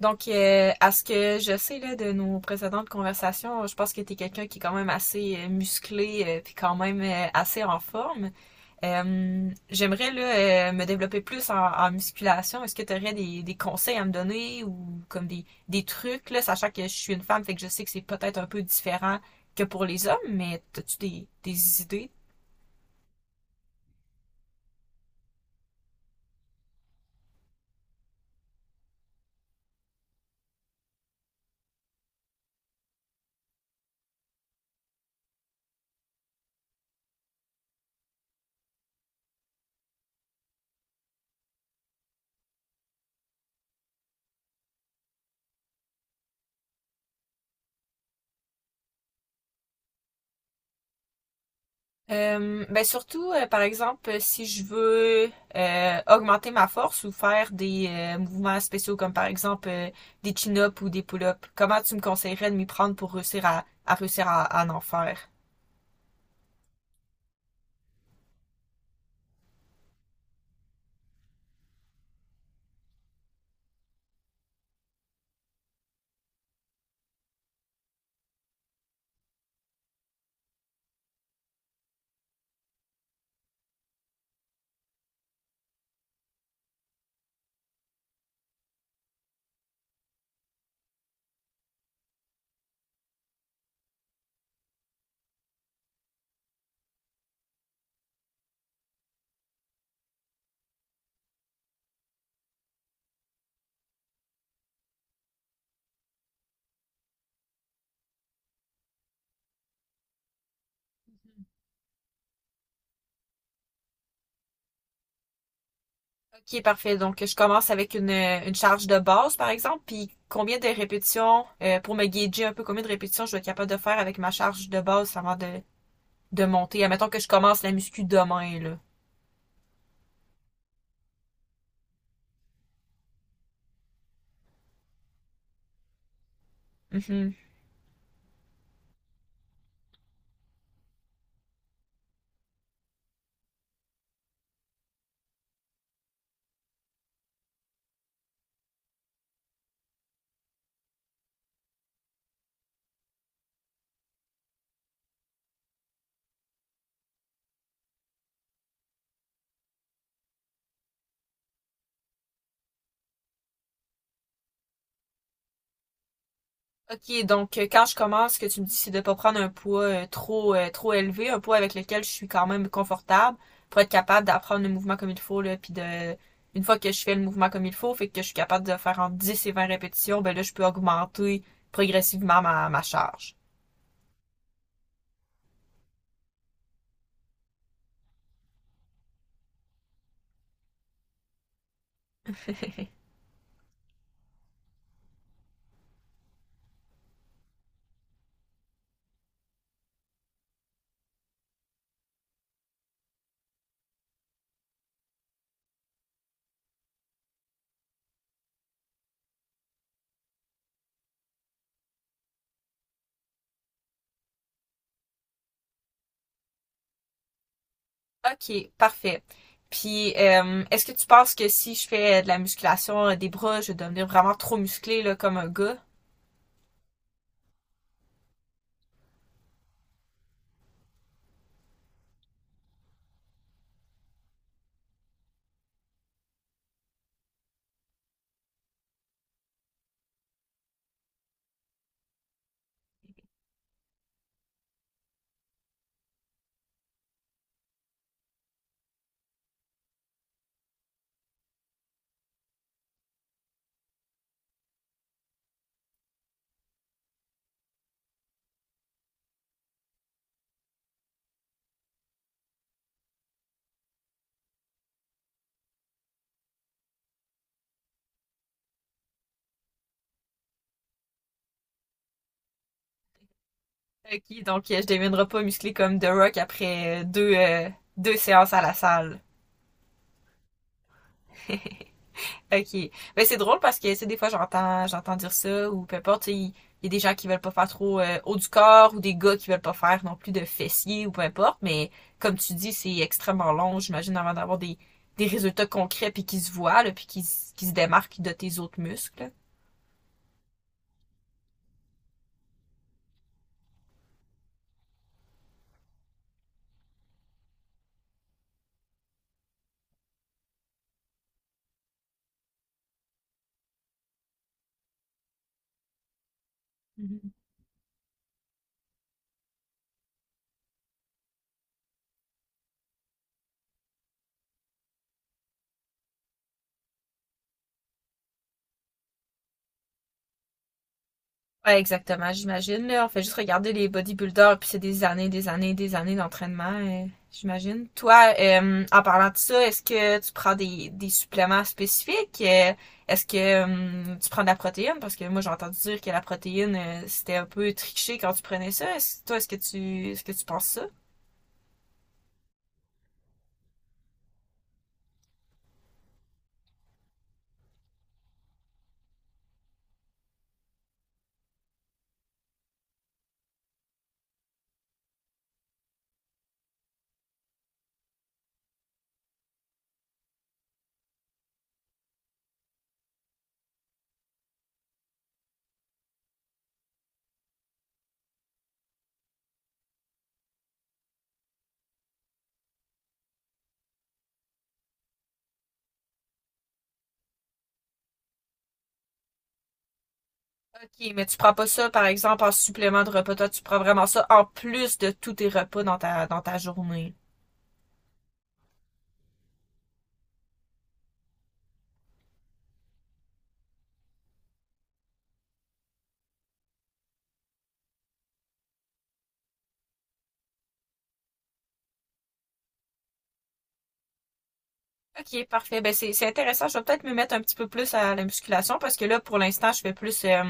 Donc, à ce que je sais là, de nos précédentes conversations, je pense que tu es quelqu'un qui est quand même assez musclé, puis quand même assez en forme. J'aimerais là, me développer plus en musculation. Est-ce que tu aurais des conseils à me donner ou comme des trucs, là, sachant que je suis une femme, fait que je sais que c'est peut-être un peu différent que pour les hommes, mais as-tu des idées? Ben surtout, par exemple, si je veux augmenter ma force ou faire des mouvements spéciaux comme par exemple des chin-ups ou des pull-ups, comment tu me conseillerais de m'y prendre pour réussir à en faire? Ok, parfait. Donc, je commence avec une charge de base, par exemple, puis combien de répétitions, pour me guider un peu, combien de répétitions je vais être capable de faire avec ma charge de base avant de monter. Admettons que je commence la muscu demain, là. Mhm. OK, donc quand je commence, ce que tu me dis, c'est de pas prendre un poids trop élevé, un poids avec lequel je suis quand même confortable pour être capable d'apprendre le mouvement comme il faut là, puis de une fois que je fais le mouvement comme il faut, fait que je suis capable de faire entre 10 et 20 répétitions, ben là je peux augmenter progressivement ma charge. OK, parfait. Puis est-ce que tu penses que si je fais de la musculation des bras, je vais devenir vraiment trop musclé là comme un gars? OK, donc je deviendrai pas musclé comme The Rock après deux séances à la salle. OK. Ben c'est drôle parce que tu sais, des fois j'entends dire ça ou peu importe, tu sais, il y a des gens qui veulent pas faire trop haut du corps ou des gars qui veulent pas faire non plus de fessiers ou peu importe, mais comme tu dis, c'est extrêmement long, j'imagine avant d'avoir des résultats concrets puis qui se voient là, puis qui qui se démarquent de tes autres muscles. Mhm. Ouais, exactement, j'imagine, là. On fait juste regarder les bodybuilders, puis c'est des années, des années, des années d'entraînement, j'imagine. Toi, en parlant de ça, est-ce que tu prends des suppléments spécifiques? Est-ce que tu prends de la protéine? Parce que moi, j'ai entendu dire que la protéine, c'était un peu triché quand tu prenais ça. Est-ce que tu penses ça? Ok, mais tu prends pas ça, par exemple, en supplément de repas. Toi, tu prends vraiment ça en plus de tous tes repas dans dans ta journée. Ok, parfait. Ben c'est intéressant. Je vais peut-être me mettre un petit peu plus à la musculation parce que là, pour l'instant, je fais plus,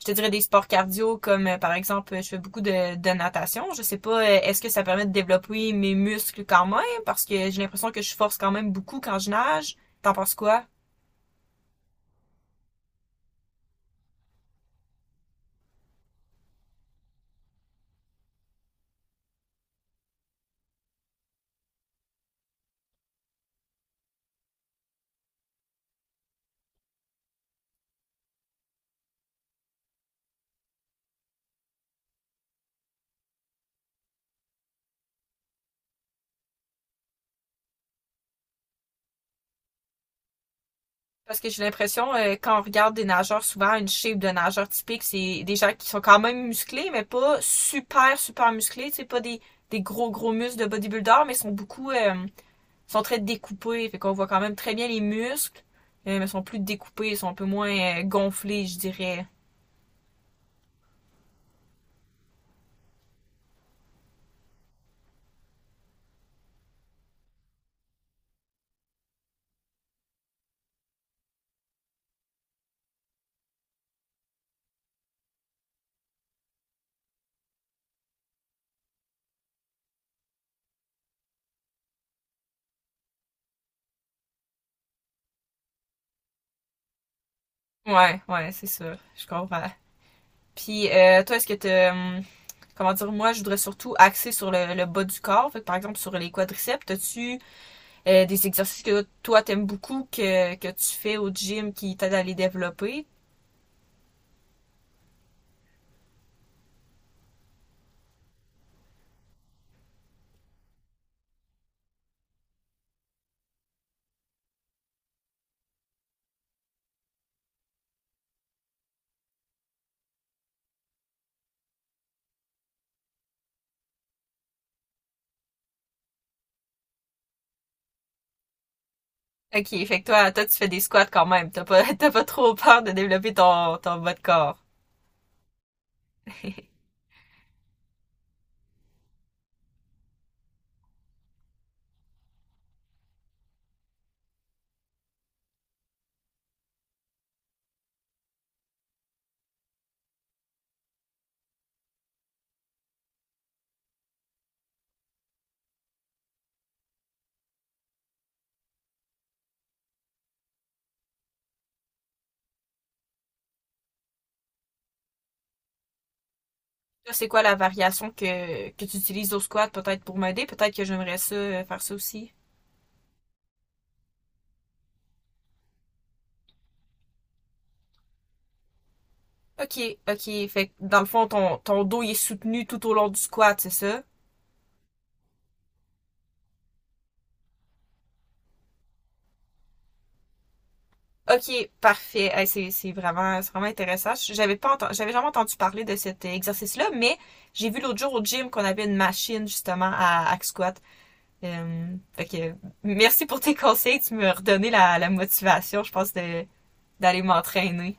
je te dirais des sports cardio comme par exemple, je fais beaucoup de natation. Je sais pas, est-ce que ça permet de développer mes muscles quand même parce que j'ai l'impression que je force quand même beaucoup quand je nage. T'en penses quoi? Parce que j'ai l'impression quand on regarde des nageurs, souvent une shape de nageur typique, c'est des gens qui sont quand même musclés, mais pas super super musclés. C'est pas des gros gros muscles de bodybuilder, mais sont beaucoup sont très découpés, fait qu'on voit quand même très bien les muscles, mais ils sont plus découpés, ils sont un peu moins gonflés, je dirais. Ouais, ouais, c'est ça, je comprends. Puis toi, est-ce que t'as, comment dire, moi, je voudrais surtout axer sur le bas du corps, fait que par exemple sur les quadriceps, t'as-tu des exercices que toi t'aimes beaucoup que tu fais au gym qui t'aident à les développer? Ok, fait que toi, toi tu fais des squats quand même, t'as pas, t'as pas trop peur de développer ton, ton bas de corps. Toi, c'est quoi la variation que tu utilises au squat peut-être pour m'aider? Peut-être que j'aimerais ça faire ça aussi. Ok, ok. Fait que dans le fond, ton, ton dos il est soutenu tout au long du squat, c'est ça? Ok, parfait. Hey, c'est vraiment intéressant. J'avais jamais entendu parler de cet exercice-là, mais j'ai vu l'autre jour au gym qu'on avait une machine justement à hack squat. Fait que merci pour tes conseils. Tu me redonné la motivation, je pense, de, d'aller m'entraîner.